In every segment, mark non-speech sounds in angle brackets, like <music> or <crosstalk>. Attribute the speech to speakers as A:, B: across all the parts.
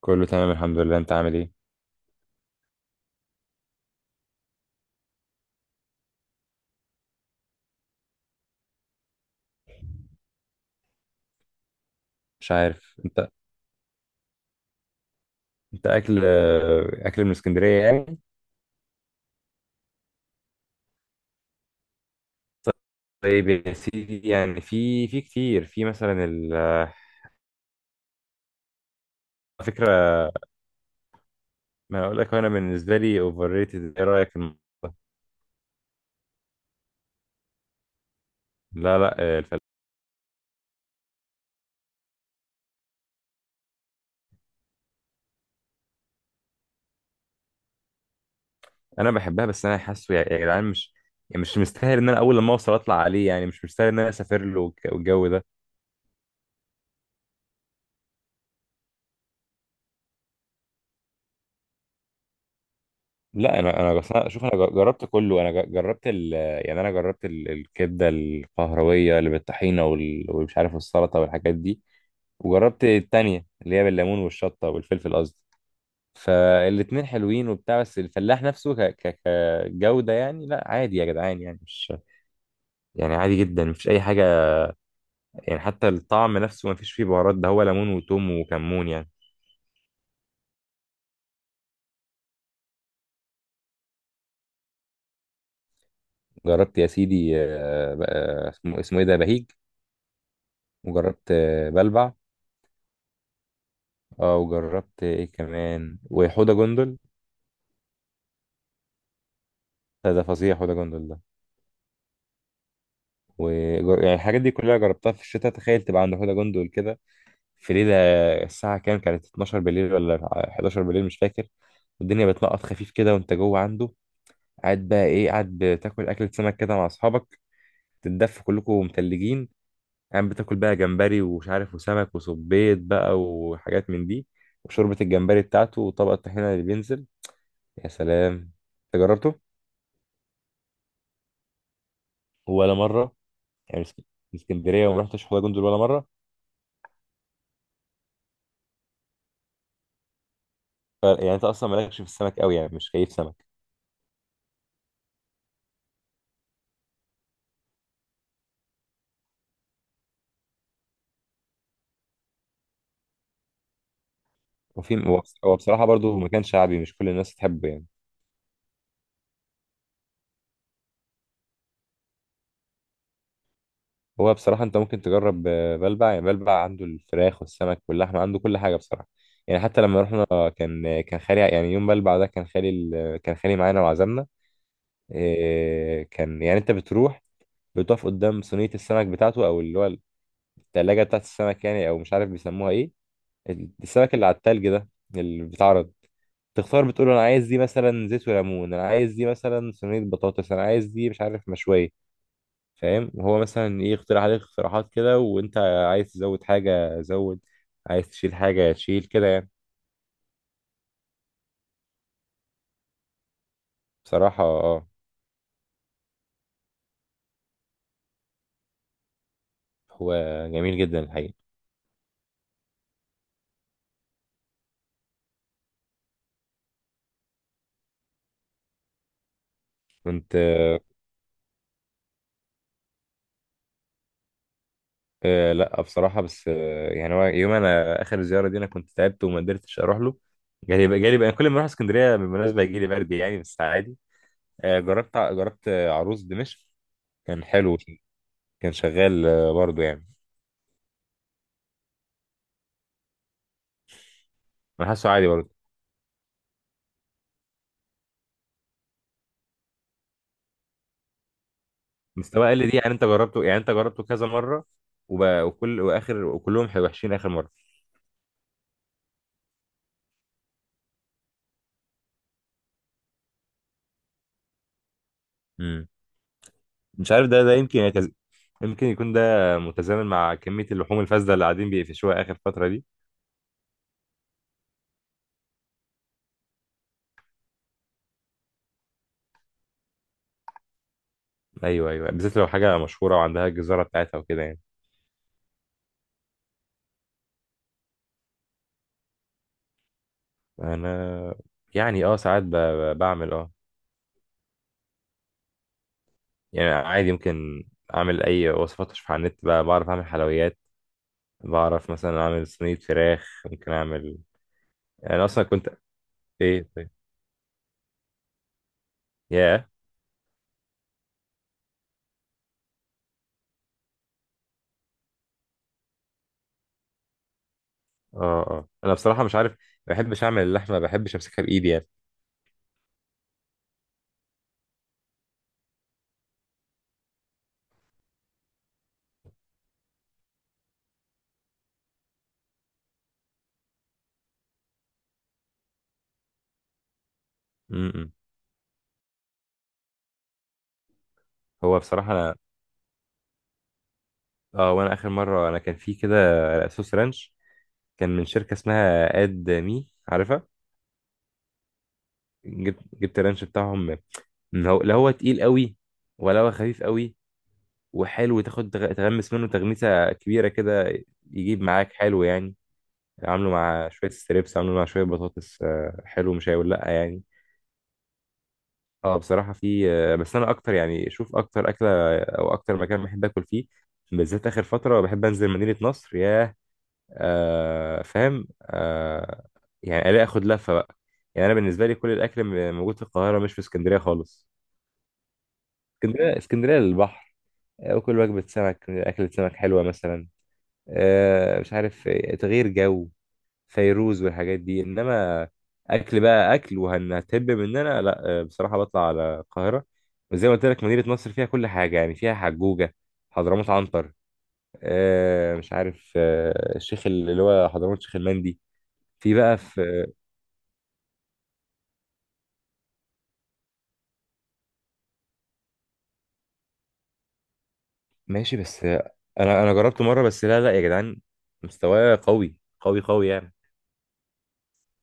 A: كله تمام، الحمد لله. انت عامل ايه؟ مش عارف انت. انت اكل من اسكندريه يعني. طيب يا سيدي، يعني في كتير، في مثلا على فكره. ما اقول لك، انا بالنسبه لي اوفر ريتد، ايه رايك في الموضوع ده؟ لا لا، انا بحبها، بس انا حاسه يا جدعان، مش يعني مش مستاهل ان انا اول لما اوصل اطلع عليه، يعني مش مستاهل ان انا اسافر له والجو ده. لا انا بس انا شوف، انا جربت كله، انا جربت ال. يعني انا جربت الكبده القهرويه اللي بالطحينه والمش عارف السلطه والحاجات دي. وجربت التانية اللي هي بالليمون والشطة والفلفل قصدي. فالاتنين حلوين وبتاع، بس الفلاح نفسه كجودة يعني لا عادي يا جدعان، يعني مش يعني عادي جدا، مفيش أي حاجة. يعني حتى الطعم نفسه مفيش فيه بهارات، ده هو ليمون وتوم وكمون يعني. جربت يا سيدي، اسمه ايه ده، بهيج. وجربت بلبع. اه وجربت ايه كمان، وحوضة جندل. ده فظيع حوضة جندل ده. و، يعني الحاجات دي كلها جربتها في الشتاء. تخيل تبقى عند حوضة جندل كده في ليلة، الساعة كام كانت؟ 12 بالليل ولا 11 بالليل، مش فاكر. والدنيا بتنقط خفيف كده وانت جوه عنده، قاعد بقى ايه، قاعد بتاكل أكلة سمك كده مع أصحابك، تتدفوا كلكم متلجين، قاعد بتاكل بقى جمبري ومش عارف، وسمك وصبيط بقى وحاجات من دي، وشوربة الجمبري بتاعته وطبق الطحينة اللي بينزل. يا سلام! انت جربته؟ ولا مرة، يعني من اسكندرية وما رحتش حوض جندل ولا مرة. يعني انت أصلا مالكش في السمك قوي، يعني مش كيف سمك. وفي هو هو بصراحة برضه مكان شعبي، مش كل الناس تحبه يعني. هو بصراحة أنت ممكن تجرب، بلبع، يعني بلبع عنده الفراخ والسمك واللحمة، عنده كل حاجة بصراحة. يعني حتى لما رحنا كان، كان خالي، يعني يوم بلبع ده كان خالي كان خالي معانا وعزمنا. كان يعني أنت بتروح، بتقف قدام صينية السمك بتاعته، أو اللي هو التلاجة بتاعت السمك يعني، أو مش عارف بيسموها إيه، السمك اللي على التلج ده اللي بيتعرض. تختار، بتقول له انا عايز دي مثلا زيت وليمون، انا عايز دي مثلا صينيه بطاطس، انا عايز دي مش عارف مشويه. فاهم؟ وهو مثلا ايه، يقترح عليك اقتراحات كده، وانت عايز تزود حاجة زود، عايز تشيل حاجة تشيل كده يعني. بصراحة اه. هو جميل جدا الحقيقة. كنت، آه لا بصراحة، بس آه يعني هو يوم انا اخر زيارة دي انا كنت تعبت وما قدرتش اروح له. جالي بقى كل ما اروح اسكندرية بالمناسبة يجي لي برد، يعني بس عادي. آه جربت جربت عروس دمشق، كان حلو. كان شغال آه برضه يعني. انا حاسه عادي برضه. مستوى اقل دي، يعني انت جربته، يعني انت جربته كذا مره وب... وكل واخر وكلهم وحشين اخر مره. امم مش عارف، ده يمكن يمكن يكون ده متزامن مع كميه اللحوم الفاسده اللي قاعدين بيقفشوها اخر فتره دي. ايوه ايوه، بالذات لو حاجه مشهوره وعندها الجزاره بتاعتها وكده يعني. انا يعني اه ساعات بعمل اه، يعني عادي، يمكن اعمل اي وصفات اشوفها على النت بقى، بعرف اعمل حلويات، بعرف مثلا اعمل صينيه فراخ، ممكن اعمل. انا اصلا كنت، ايه طيب، ياه. اه انا بصراحه مش عارف، ما بحبش اعمل اللحمه، ما بحبش امسكها بايدي يعني. امم هو بصراحه انا، اه وانا اخر مره انا كان في كده صوص رانش، كان من شركه اسمها اد مي، عارفها. جبت الرانش بتاعهم، من، هو لا هو تقيل قوي ولا هو خفيف قوي، وحلو، تاخد تغمس منه تغميسه كبيره كده، يجيب معاك حلو يعني. عامله مع شويه ستريبس، عامله مع شويه بطاطس، حلو مش هيقول لا يعني. اه بصراحة في بس أنا أكتر، يعني شوف أكتر أكلة أو أكتر مكان بحب آكل فيه بالذات آخر فترة، بحب أنزل مدينة نصر. ياه. آه فاهم آه. يعني ألاقي آخد لفة بقى. يعني أنا بالنسبة لي كل الأكل موجود في القاهرة، مش في اسكندرية خالص. اسكندرية، اسكندرية للبحر، وكل وجبة سمك، أكلة سمك حلوة مثلا، آه مش عارف، تغيير جو، فيروز والحاجات دي. انما اكل بقى، اكل وهنهتب مننا لا، بصراحه بطلع على القاهره. وزي ما قلت لك مدينه نصر فيها كل حاجه، يعني فيها حجوجه، حضرموت عنتر، آه مش عارف، آه الشيخ اللي هو حضرموت شيخ المندي. في بقى في. ماشي، بس انا جربته مره، بس لا لا يا جدعان، مستواه قوي قوي قوي يعني.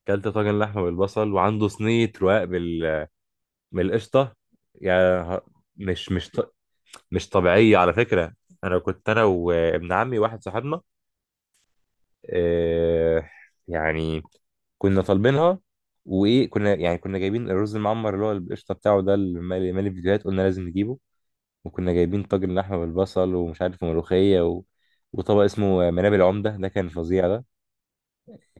A: كلت طاجن لحمه بالبصل، وعنده صينيه رقاق بال، بالقشطه يعني. مش مش مش طبيعية على فكرة. أنا كنت أنا وابن عمي واحد صاحبنا، آه، يعني كنا طالبينها، وإيه كنا يعني كنا جايبين الرز المعمر، اللي هو القشطة بتاعه ده اللي مالي فيديوهات، قلنا لازم نجيبه. وكنا جايبين طاجن لحمة بالبصل، ومش عارف ملوخية و، وطبق اسمه منابل العمدة، ده كان فظيع ده.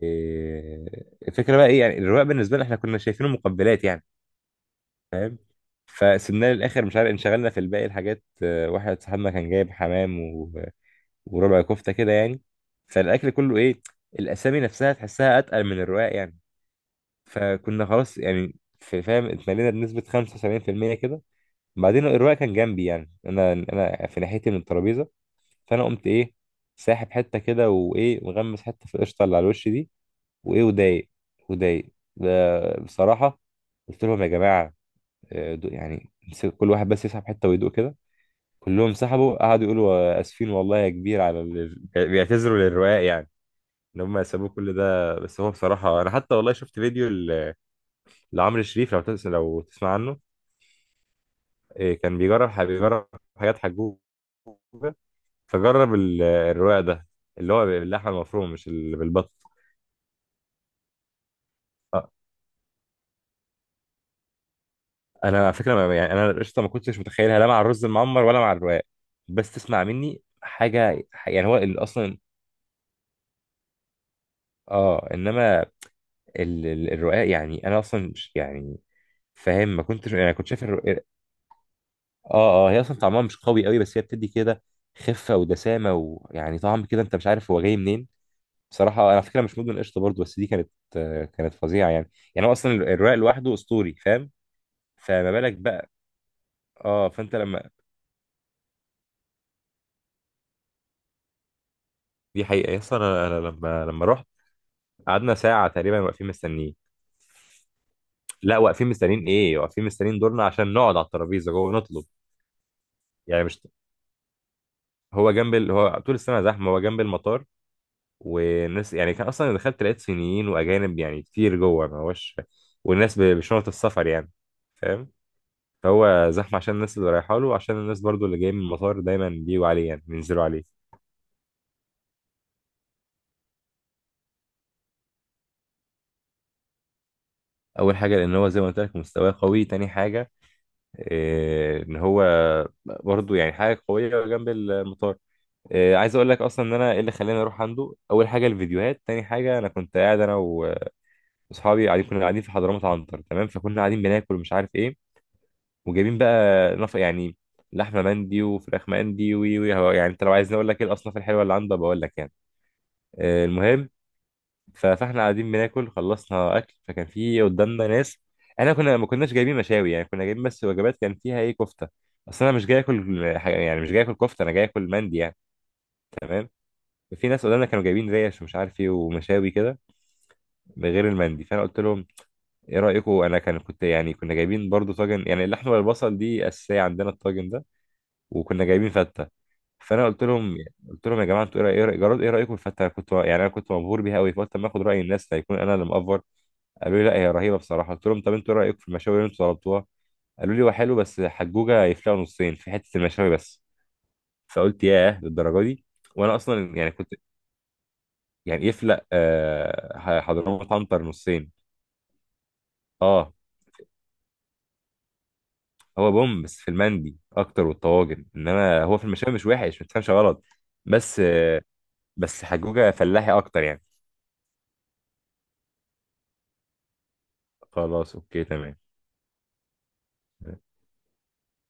A: آه، الفكرة بقى إيه، يعني الرواق بالنسبة لنا إحنا كنا شايفينه مقبلات يعني، فاهم. فسبناه للآخر، مش عارف انشغلنا في الباقي الحاجات، واحد صاحبنا كان جايب حمام وربع كفته كده يعني. فالاكل كله ايه، الاسامي نفسها تحسها اتقل من الرقاق يعني. فكنا خلاص يعني في فاهم اتملينا بنسبه 75% كده. بعدين الرقاق كان جنبي، يعني انا في ناحيتي من الترابيزه، فانا قمت ايه ساحب حته كده، وايه مغمس حته في القشطه اللي على الوش دي، وايه ودايق ده بصراحه. قلت لهم يا جماعه، يعني امسكوا كل واحد بس يسحب حته ويدوق كده. كلهم سحبوا قعدوا يقولوا اسفين والله يا كبير على اللي، بيعتذروا للرقاق يعني، ان هم يسابوه كل ده. بس هو بصراحه انا حتى والله شفت فيديو لعمرو شريف، لو لو تسمع عنه. كان بيجرب بيجرب حاجات حجوجه، فجرب الرواق ده اللي هو باللحمه المفرومه، مش اللي بالبط. آه، انا على فكره يعني انا القشطه ما كنتش متخيلها لا مع الرز المعمر ولا مع الرواق. بس تسمع مني حاجه، يعني هو اصلا، اه انما الرقاق يعني انا اصلا يعني فاهم ما كنتش يعني كنت شايف. اه اه هي اصلا طعمها مش قوي قوي، بس هي بتدي كده خفه ودسامه، ويعني طعم كده انت مش عارف هو جاي منين. بصراحه انا على فكره مش مدمن قشطه برضه، بس دي كانت كانت فظيعه يعني. يعني هو اصلا الرق لوحده اسطوري فاهم. فما بالك بقى. اه فانت لما <laughs> دي حقيقه اصلا انا، أنا لما رحت قعدنا ساعه تقريبا واقفين مستنيين، لا واقفين مستنيين ايه، واقفين مستنيين دورنا عشان نقعد على الترابيزه جوه نطلب. يعني مش هو جنب هو طول السنه زحمه، هو جنب المطار. والناس، يعني كان اصلا دخلت لقيت صينيين واجانب يعني كتير جوه، ما هوش. والناس بشنط السفر يعني، فاهم. فهو زحمه عشان الناس اللي رايحه له، وعشان الناس برضو اللي جايه من المطار دايما بيجوا عليه يعني بينزلوا عليه. اول حاجه لان هو زي ما قلت لك مستواه قوي. تاني حاجه إيه، ان هو برضو يعني حاجه قويه جنب المطار. إيه، عايز اقول لك اصلا ان انا ايه اللي خلاني اروح عنده، اول حاجه الفيديوهات، تاني حاجه انا كنت قاعد انا واصحابي قاعدين كنا قاعدين في حضرموت عنتر تمام، فكنا قاعدين بناكل ومش عارف ايه، وجايبين بقى يعني لحمه مندي وفراخ مندي، وي وي يعني انت لو عايزني اقول لك ايه الاصناف الحلوه اللي عنده بقول لك يعني. المهم، فاحنا قاعدين بناكل، خلصنا اكل، فكان في قدامنا ناس. احنا كنا ما كناش جايبين مشاوي، يعني كنا جايبين بس وجبات كان فيها ايه كفته، اصل انا مش جاي اكل حاجة، يعني مش جاي اكل كفته، انا جاي اكل مندي يعني. تمام. في ناس قدامنا كانوا جايبين ريش ومش عارف ايه ومشاوي كده غير المندي. فانا قلت لهم ايه رايكم، انا كان كنت يعني كنا جايبين برضو طاجن، يعني اللحمه والبصل دي اساسيه عندنا الطاجن ده، وكنا جايبين فته. فانا قلت لهم، قلت لهم يا جماعه انتوا ايه إيه جراد ايه رايكم في الفته، انا كنت يعني انا كنت مبهور بيها قوي، فقلت اما اخد راي الناس هيكون انا اللي مقفر. قالوا لي لا هي رهيبه بصراحه. قلت لهم طب انتوا ايه رايكم في المشاوي اللي انتوا طلبتوها؟ قالوا لي هو حلو، بس حجوجه يفلقوا نصين في حته المشاوي بس. فقلت ياه للدرجه دي. وانا اصلا يعني كنت. يعني يفلق، حضرموت عنتر نصين. اه. هو بوم بس في المندي اكتر والطواجن، انما هو في المشاوي مش وحش، ما تفهمش غلط. بس بس حجوجه فلاحي اكتر يعني. خلاص اوكي تمام.